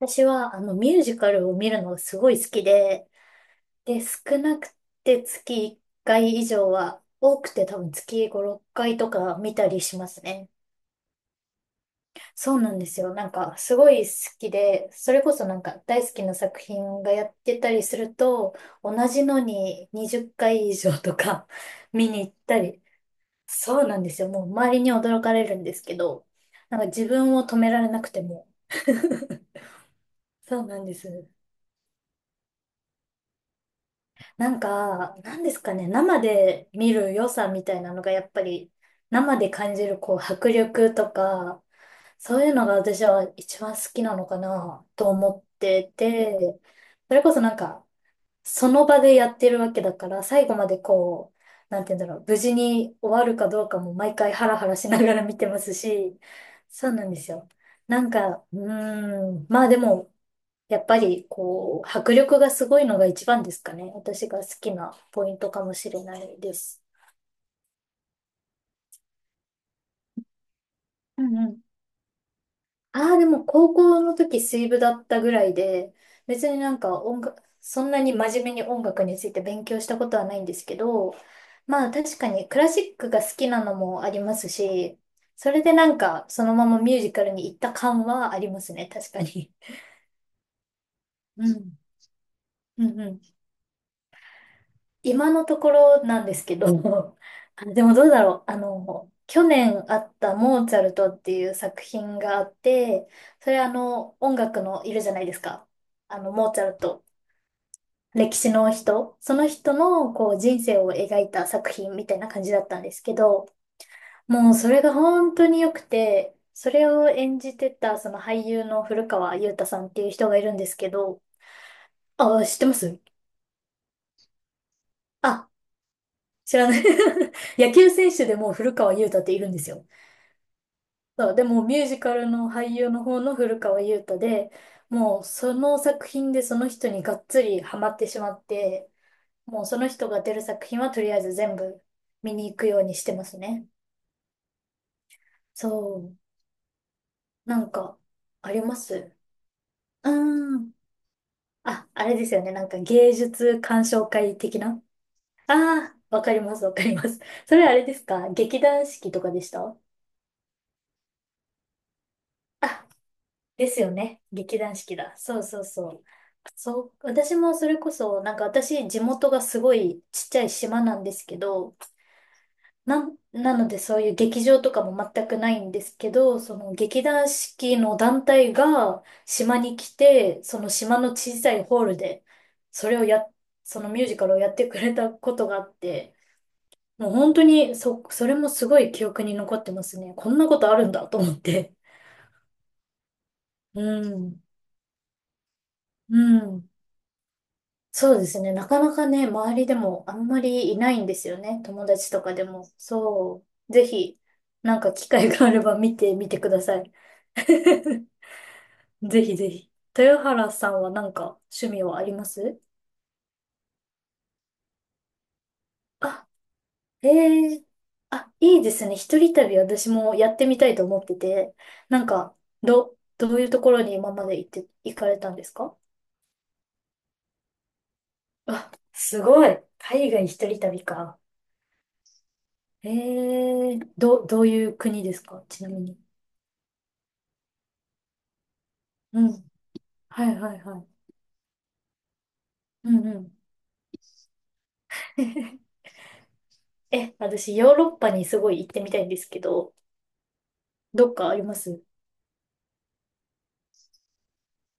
私は、ミュージカルを見るのがすごい好きで、少なくて月1回以上は、多くて多分月5、6回とか見たりしますね。そうなんですよ。すごい好きで、それこそなんか大好きな作品がやってたりすると、同じのに20回以上とか 見に行ったり、そうなんですよ。もう周りに驚かれるんですけど、なんか自分を止められなくても。そうなんです。なんか、なんですかね、生で見る良さみたいなのがやっぱり、生で感じるこう迫力とか、そういうのが私は一番好きなのかなと思ってて、それこそその場でやってるわけだから、最後までこう、なんて言うんだろう、無事に終わるかどうかも毎回ハラハラしながら見てますし、そうなんですよ。まあでも、やっぱりこう、迫力がすごいのが一番ですかね。私が好きなポイントかもしれないです。うんうん。ああ、でも高校の時水部だったぐらいで、別に音楽、そんなに真面目に音楽について勉強したことはないんですけど、まあ確かにクラシックが好きなのもありますし、それでそのままミュージカルに行った感はありますね、確かに。うん。うんうん。今のところなんですけど、あでもどうだろう。去年あったモーツァルトっていう作品があって、それあの、音楽のいるじゃないですか。あの、モーツァルト。歴史の人。その人のこう人生を描いた作品みたいな感じだったんですけど、もうそれが本当に良くて、それを演じてたその俳優の古川雄太さんっていう人がいるんですけど、あ、知ってます？あ知らない？ 野球選手でも古川優太っているんですよ。そう、でもミュージカルの俳優の方の古川優太で、もうその作品でその人にがっつりハマってしまって、もうその人が出る作品はとりあえず全部見に行くようにしてますね。そう、なんか、あります？うーん。あ、あれですよね。なんか芸術鑑賞会的な。ああ、わかります、わかります。それあれですか？劇団四季とかでした？あですよね。劇団四季だ。そうそうそう。そう、私もそれこそ、私、地元がすごいちっちゃい島なんですけど、なのでそういう劇場とかも全くないんですけど、その劇団四季の団体が島に来て、その島の小さいホールで、それをや、そのミュージカルをやってくれたことがあって、もう本当に、それもすごい記憶に残ってますね。こんなことあるんだと思って。うん。うん。そうですね。なかなかね、周りでもあんまりいないんですよね。友達とかでも。そう。ぜひ、なんか機会があれば見てみてください。ぜひぜひ。豊原さんはなんか趣味はあります？あ、ええ、あ、いいですね。一人旅私もやってみたいと思ってて。なんか、どういうところに今まで行って、行かれたんですか？あ、すごい。海外一人旅か。ええ、どういう国ですか、ちなみに。うん。はいはいはい。うんうん。え、私、ヨーロッパにすごい行ってみたいんですけど、どっかあります？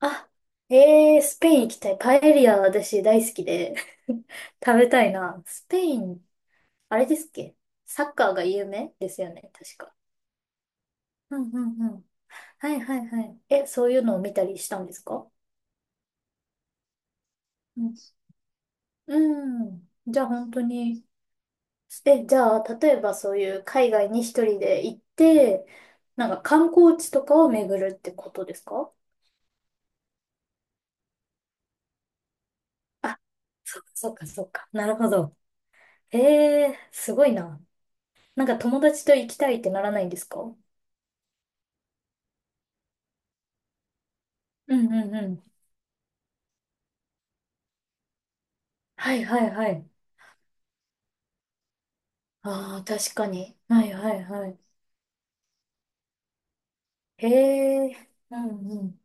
あ、えー、スペイン行きたい。パエリア、私大好きで 食べたいな。スペイン、あれですっけ？サッカーが有名ですよね、確か。うんうんうん。はいはいはい。え、そういうのを見たりしたんですか？うん。うん。じゃあ本当に、え、じゃあ、例えばそういう海外に一人で行って、なんか観光地とかを巡るってことですか？あ、そっかそっかそっか。なるほど。ええ、すごいな。なんか友達と行きたいってならないんですか？うんうんうん。はいはいはい。ああ、確かに。はいはいはい。へえ、うんうん。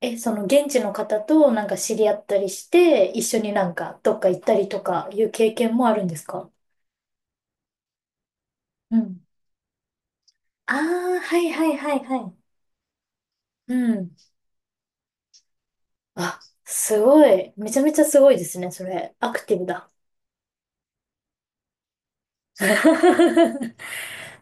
え、その現地の方となんか知り合ったりして、一緒になんかどっか行ったりとかいう経験もあるんですか？うん。ああ、はいはいはいはい。うん。あ、すごい。めちゃめちゃすごいですね、それ。アクティブだ。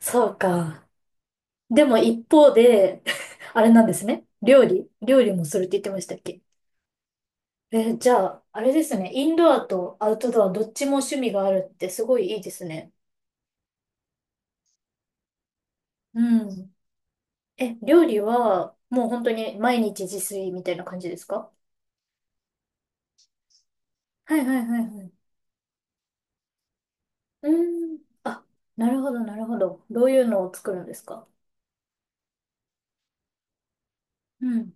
そうか。でも一方で、あれなんですね。料理。料理もするって言ってましたっけ？え、じゃあ、あれですね。インドアとアウトドアどっちも趣味があるってすごいいいですね。うん。え、料理はもう本当に毎日自炊みたいな感じですか？はいはいはいはい。うーん。あ、なるほどなるほど。どういうのを作るんですか？うん。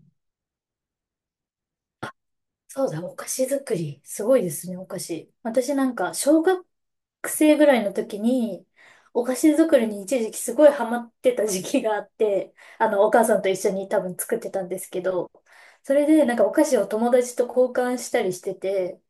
そうだ、お菓子作り。すごいですね、お菓子。私なんか、学生ぐらいの時に、お菓子作りに一時期すごいハマってた時期があって、あの、お母さんと一緒に多分作ってたんですけど、それでお菓子を友達と交換したりしてて、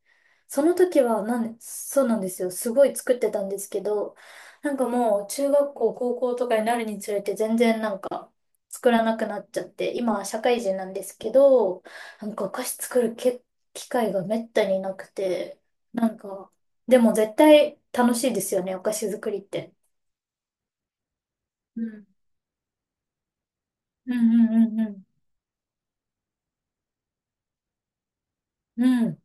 その時はそうなんですよ。すごい作ってたんですけど、なんかもう中学校、高校とかになるにつれて全然作らなくなっちゃって、今は社会人なんですけど、なんかお菓子作るけ機会がめったになくて、なんかでも絶対楽しいですよね、お菓子作りって。うん。うんうんうんうん。うん。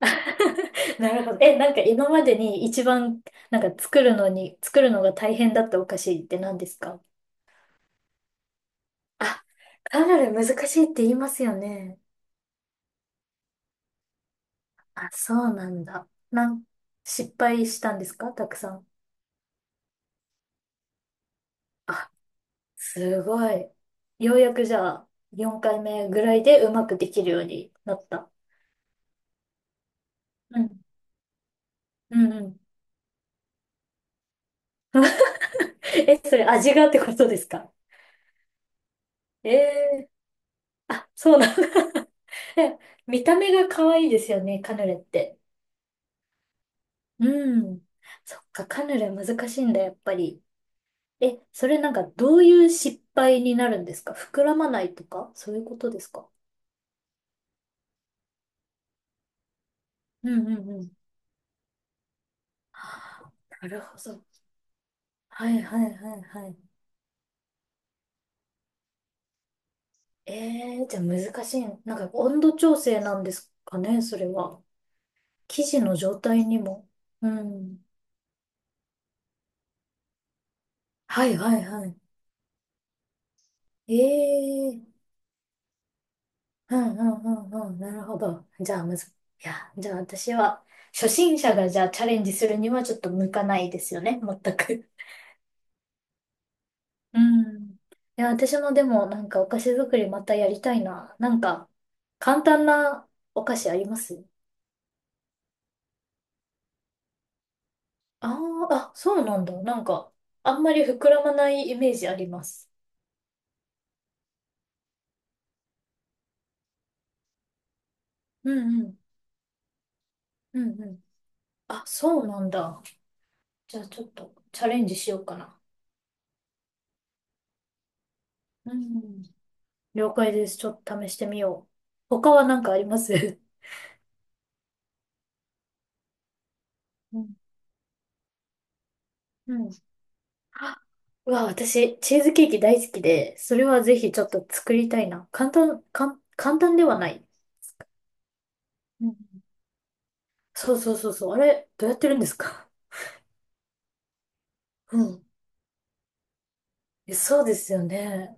なるほど。え、今までに一番、作るのが大変だったお菓子って何ですか？あ、カヌレ難しいって言いますよね。あ、そうなんだ。失敗したんですか、たくさん。あ、すごい。ようやくじゃあ、4回目ぐらいでうまくできるようになった。うん。うんうん。え、それ味がってことですか？ええ、あ、そうなんだ。え、見た目が可愛いですよね、カヌレって。うん。そっか、カヌレ難しいんだ、やっぱり。え、それなんかどういう失敗になるんですか？膨らまないとかそういうことですか？うんうんうん。はあ、なるほど。はいはいはいはい。えーじゃあ難しい。なんか温度調整なんですかね、それは。生地の状態にも。うん。はいはいはい。ええ、うんうんうんうん。なるほど。じゃあ、むず、いや、じゃあ私は、初心者がじゃあチャレンジするにはちょっと向かないですよね、全く。うん。いや、私もでもなんかお菓子作りまたやりたいな。なんか、簡単なお菓子あります？あ、あー、あ、そうなんだ。なんか、あんまり膨らまないイメージあります。うんうん。うんうん。あ、そうなんだ。じゃあちょっとチャレンジしようかな。うん。了解です。ちょっと試してみよう。他は何かあります？うん。うん、あ、うわ、私、チーズケーキ大好きで、それはぜひちょっと作りたいな。簡単ではない。うん。そうそうそうそう。あれ、どうやってるんですか？うん。え、そうですよね。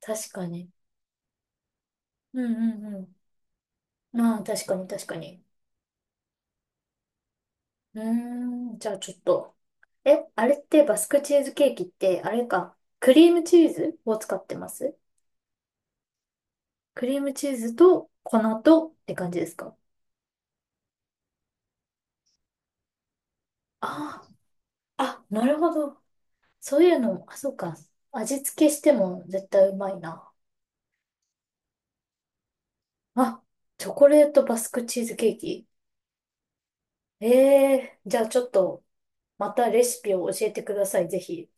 確かに。うんうんうん。まあ、確かに確かに。うーん。じゃあちょっと。え、あれってバスクチーズケーキって、あれか、クリームチーズを使ってます？クリームチーズと粉とって感じですか？あ、あー、あ、なるほど。そういうのも、あ、そうか。味付けしても絶対うまいな。あ、チョコレートバスクチーズケーキ。ええ、じゃあちょっと、またレシピを教えてください、ぜひ。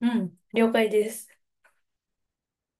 うん、了解です。